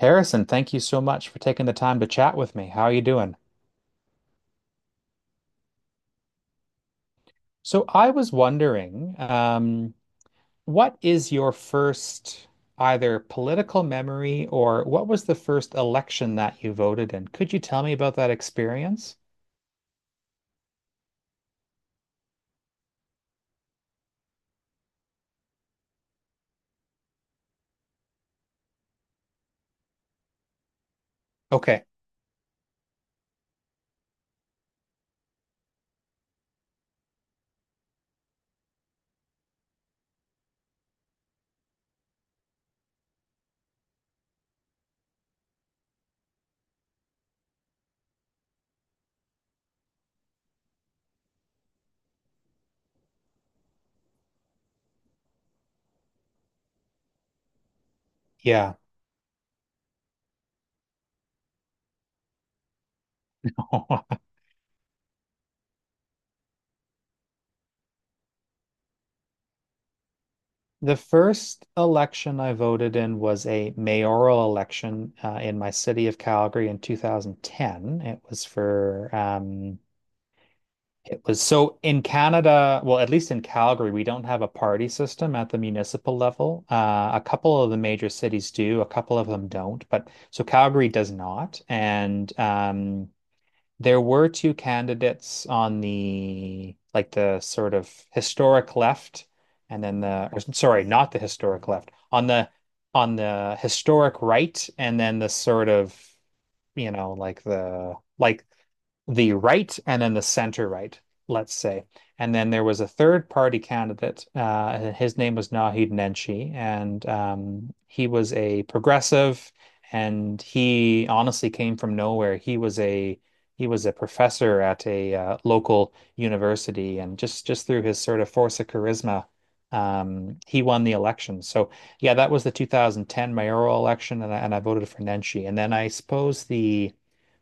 Harrison, thank you so much for taking the time to chat with me. How are you doing? So I was wondering, um, what is your first either political memory, or what was the first election that you voted in? Could you tell me about that experience? Okay, yeah. The first election I voted in was a mayoral election in my city of Calgary in 2010. It was for It was so in Canada, well, at least in Calgary, we don't have a party system at the municipal level. A couple of the major cities do, a couple of them don't. But so Calgary does not. And There were two candidates on the sort of historic left, and then sorry, not the historic left, on the historic right, and then the sort of you know like the like the right and then the center right, let's say. And then there was a third party candidate. His name was Nahid Nenshi, and he was a progressive, and he honestly came from nowhere. He was a professor at a local university, and just through his sort of force of charisma, he won the election. So yeah, that was the 2010 mayoral election, and I voted for Nenshi. And then I suppose the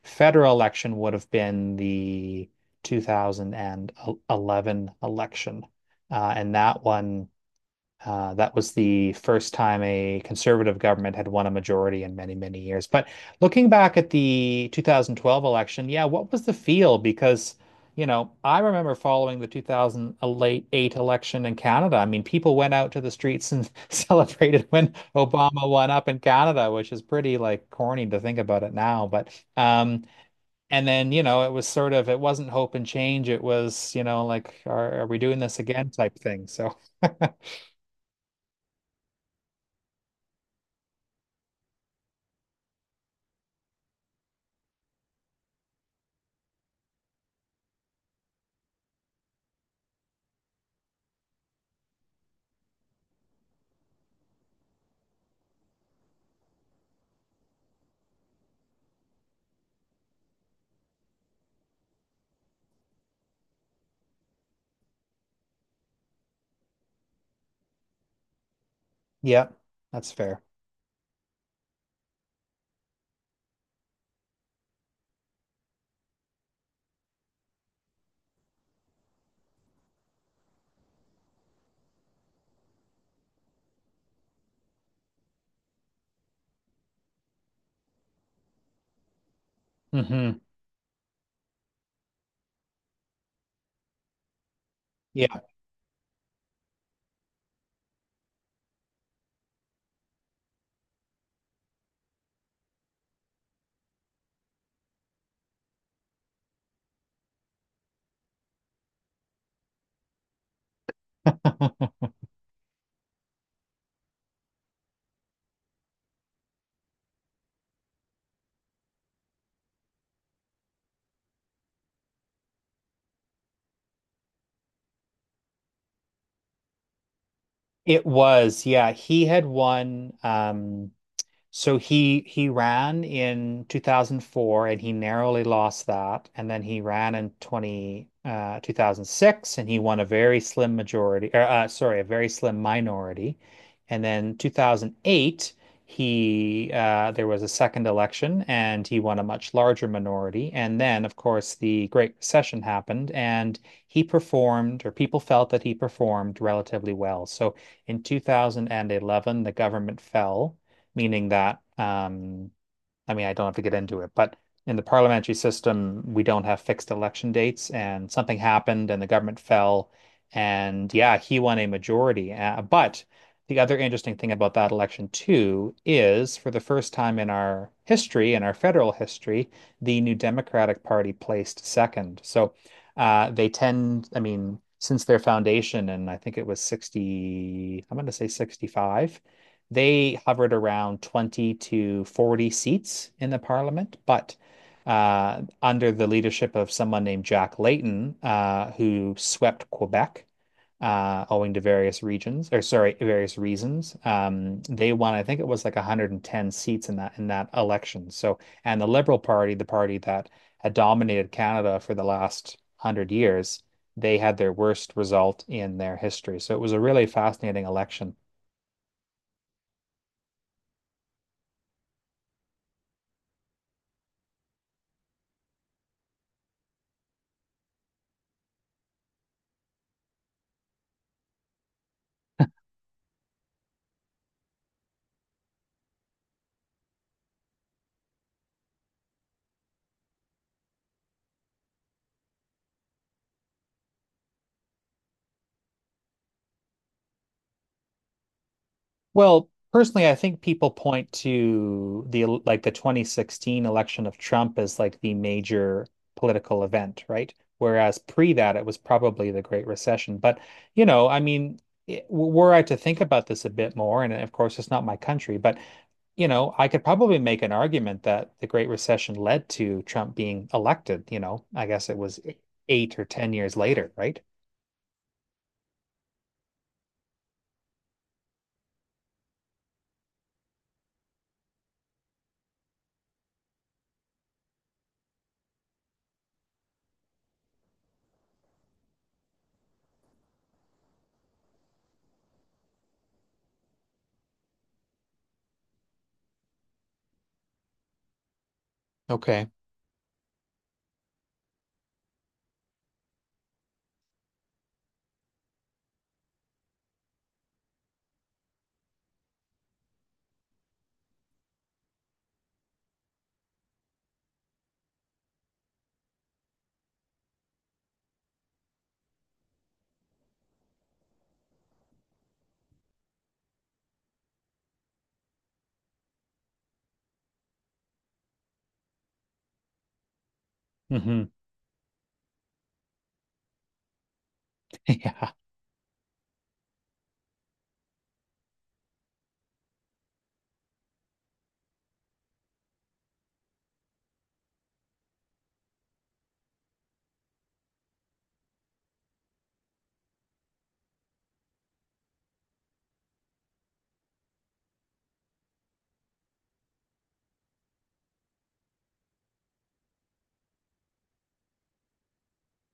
federal election would have been the 2011 election. And that one, that was the first time a conservative government had won a majority in many, many years. But looking back at the 2012 election, yeah, what was the feel? Because, you know, I remember following the 2008 election in Canada. I mean, people went out to the streets and celebrated when Obama won up in Canada, which is pretty like corny to think about it now. But um, and then, you know, it was sort of, it wasn't hope and change. It was, you know, like, are we doing this again type thing. So, yeah, that's fair. Hmm. Yeah. It was. Yeah. He had won. So he ran in 2004 and he narrowly lost that. And then he ran in 20, 2006, and he won a very slim majority, or, sorry, a very slim minority. And then 2008, he there was a second election and he won a much larger minority. And then, of course, the Great Recession happened and he performed, or people felt that he performed relatively well. So in 2011, the government fell, meaning that I mean, I don't have to get into it, but in the parliamentary system, we don't have fixed election dates, and something happened, and the government fell, and yeah, he won a majority. But the other interesting thing about that election too is, for the first time in our history, in our federal history, the New Democratic Party placed second. So I mean, since their foundation, and I think it was 60, I'm going to say 65, they hovered around 20 to 40 seats in the parliament, but under the leadership of someone named Jack Layton, who swept Quebec owing to various regions, or sorry, various reasons. They won, I think it was like 110 seats in that election. So, and the Liberal Party, the party that had dominated Canada for the last 100 years, they had their worst result in their history. So it was a really fascinating election. Well, personally, I think people point to like the 2016 election of Trump as like the major political event, right? Whereas pre that, it was probably the Great Recession. But, you know, I mean, were I to think about this a bit more, and of course, it's not my country, but, you know, I could probably make an argument that the Great Recession led to Trump being elected. You know, I guess it was eight or 10 years later, right? Okay. Hmm. Yeah.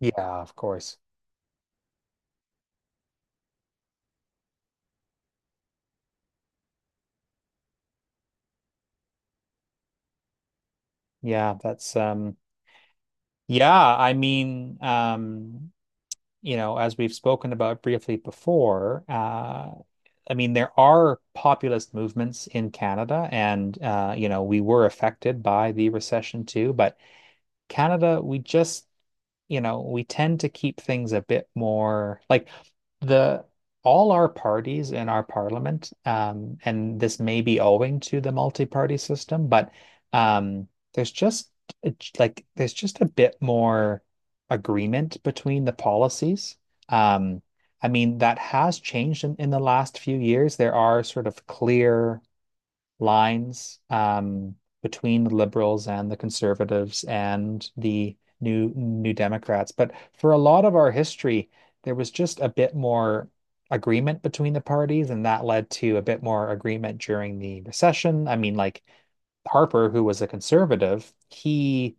Yeah, of course. Yeah, that's um Yeah, I mean, you know, as we've spoken about briefly before, I mean, there are populist movements in Canada, and you know, we were affected by the recession too, but Canada, we just you know, we tend to keep things a bit more like the All our parties in our parliament, and this may be owing to the multi-party system, but um, there's just it's like there's just a bit more agreement between the policies. Um, I mean, that has changed in the last few years. There are sort of clear lines between the liberals and the conservatives and the New Democrats. But for a lot of our history, there was just a bit more agreement between the parties, and that led to a bit more agreement during the recession. I mean, like Harper, who was a conservative, he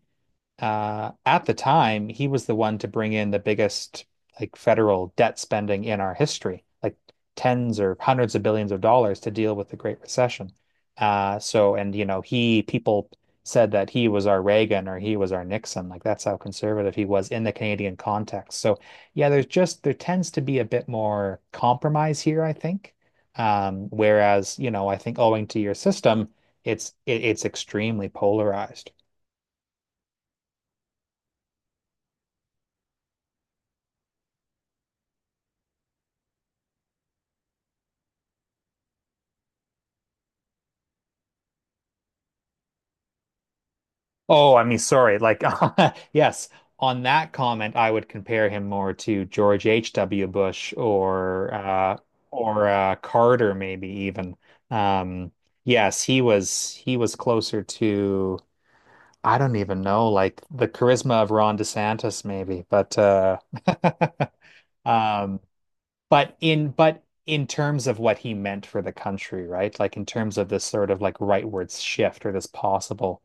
at the time, he was the one to bring in the biggest like federal debt spending in our history, like tens or hundreds of billions of dollars to deal with the Great Recession. So, and you know, he people said that he was our Reagan or he was our Nixon. Like that's how conservative he was in the Canadian context. So, yeah, there's just there tends to be a bit more compromise here, I think. Whereas, you know, I think owing to your system, it's extremely polarized. Oh, I mean, sorry. Like, yes, on that comment, I would compare him more to George H.W. Bush, or Carter, maybe even. Um, yes, he was closer to, I don't even know, like the charisma of Ron DeSantis, maybe. But um, but in terms of what he meant for the country, right? Like in terms of this sort of like rightward shift or this possible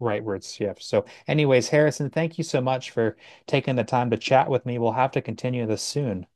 rightward shift. So, anyways, Harrison, thank you so much for taking the time to chat with me. We'll have to continue this soon.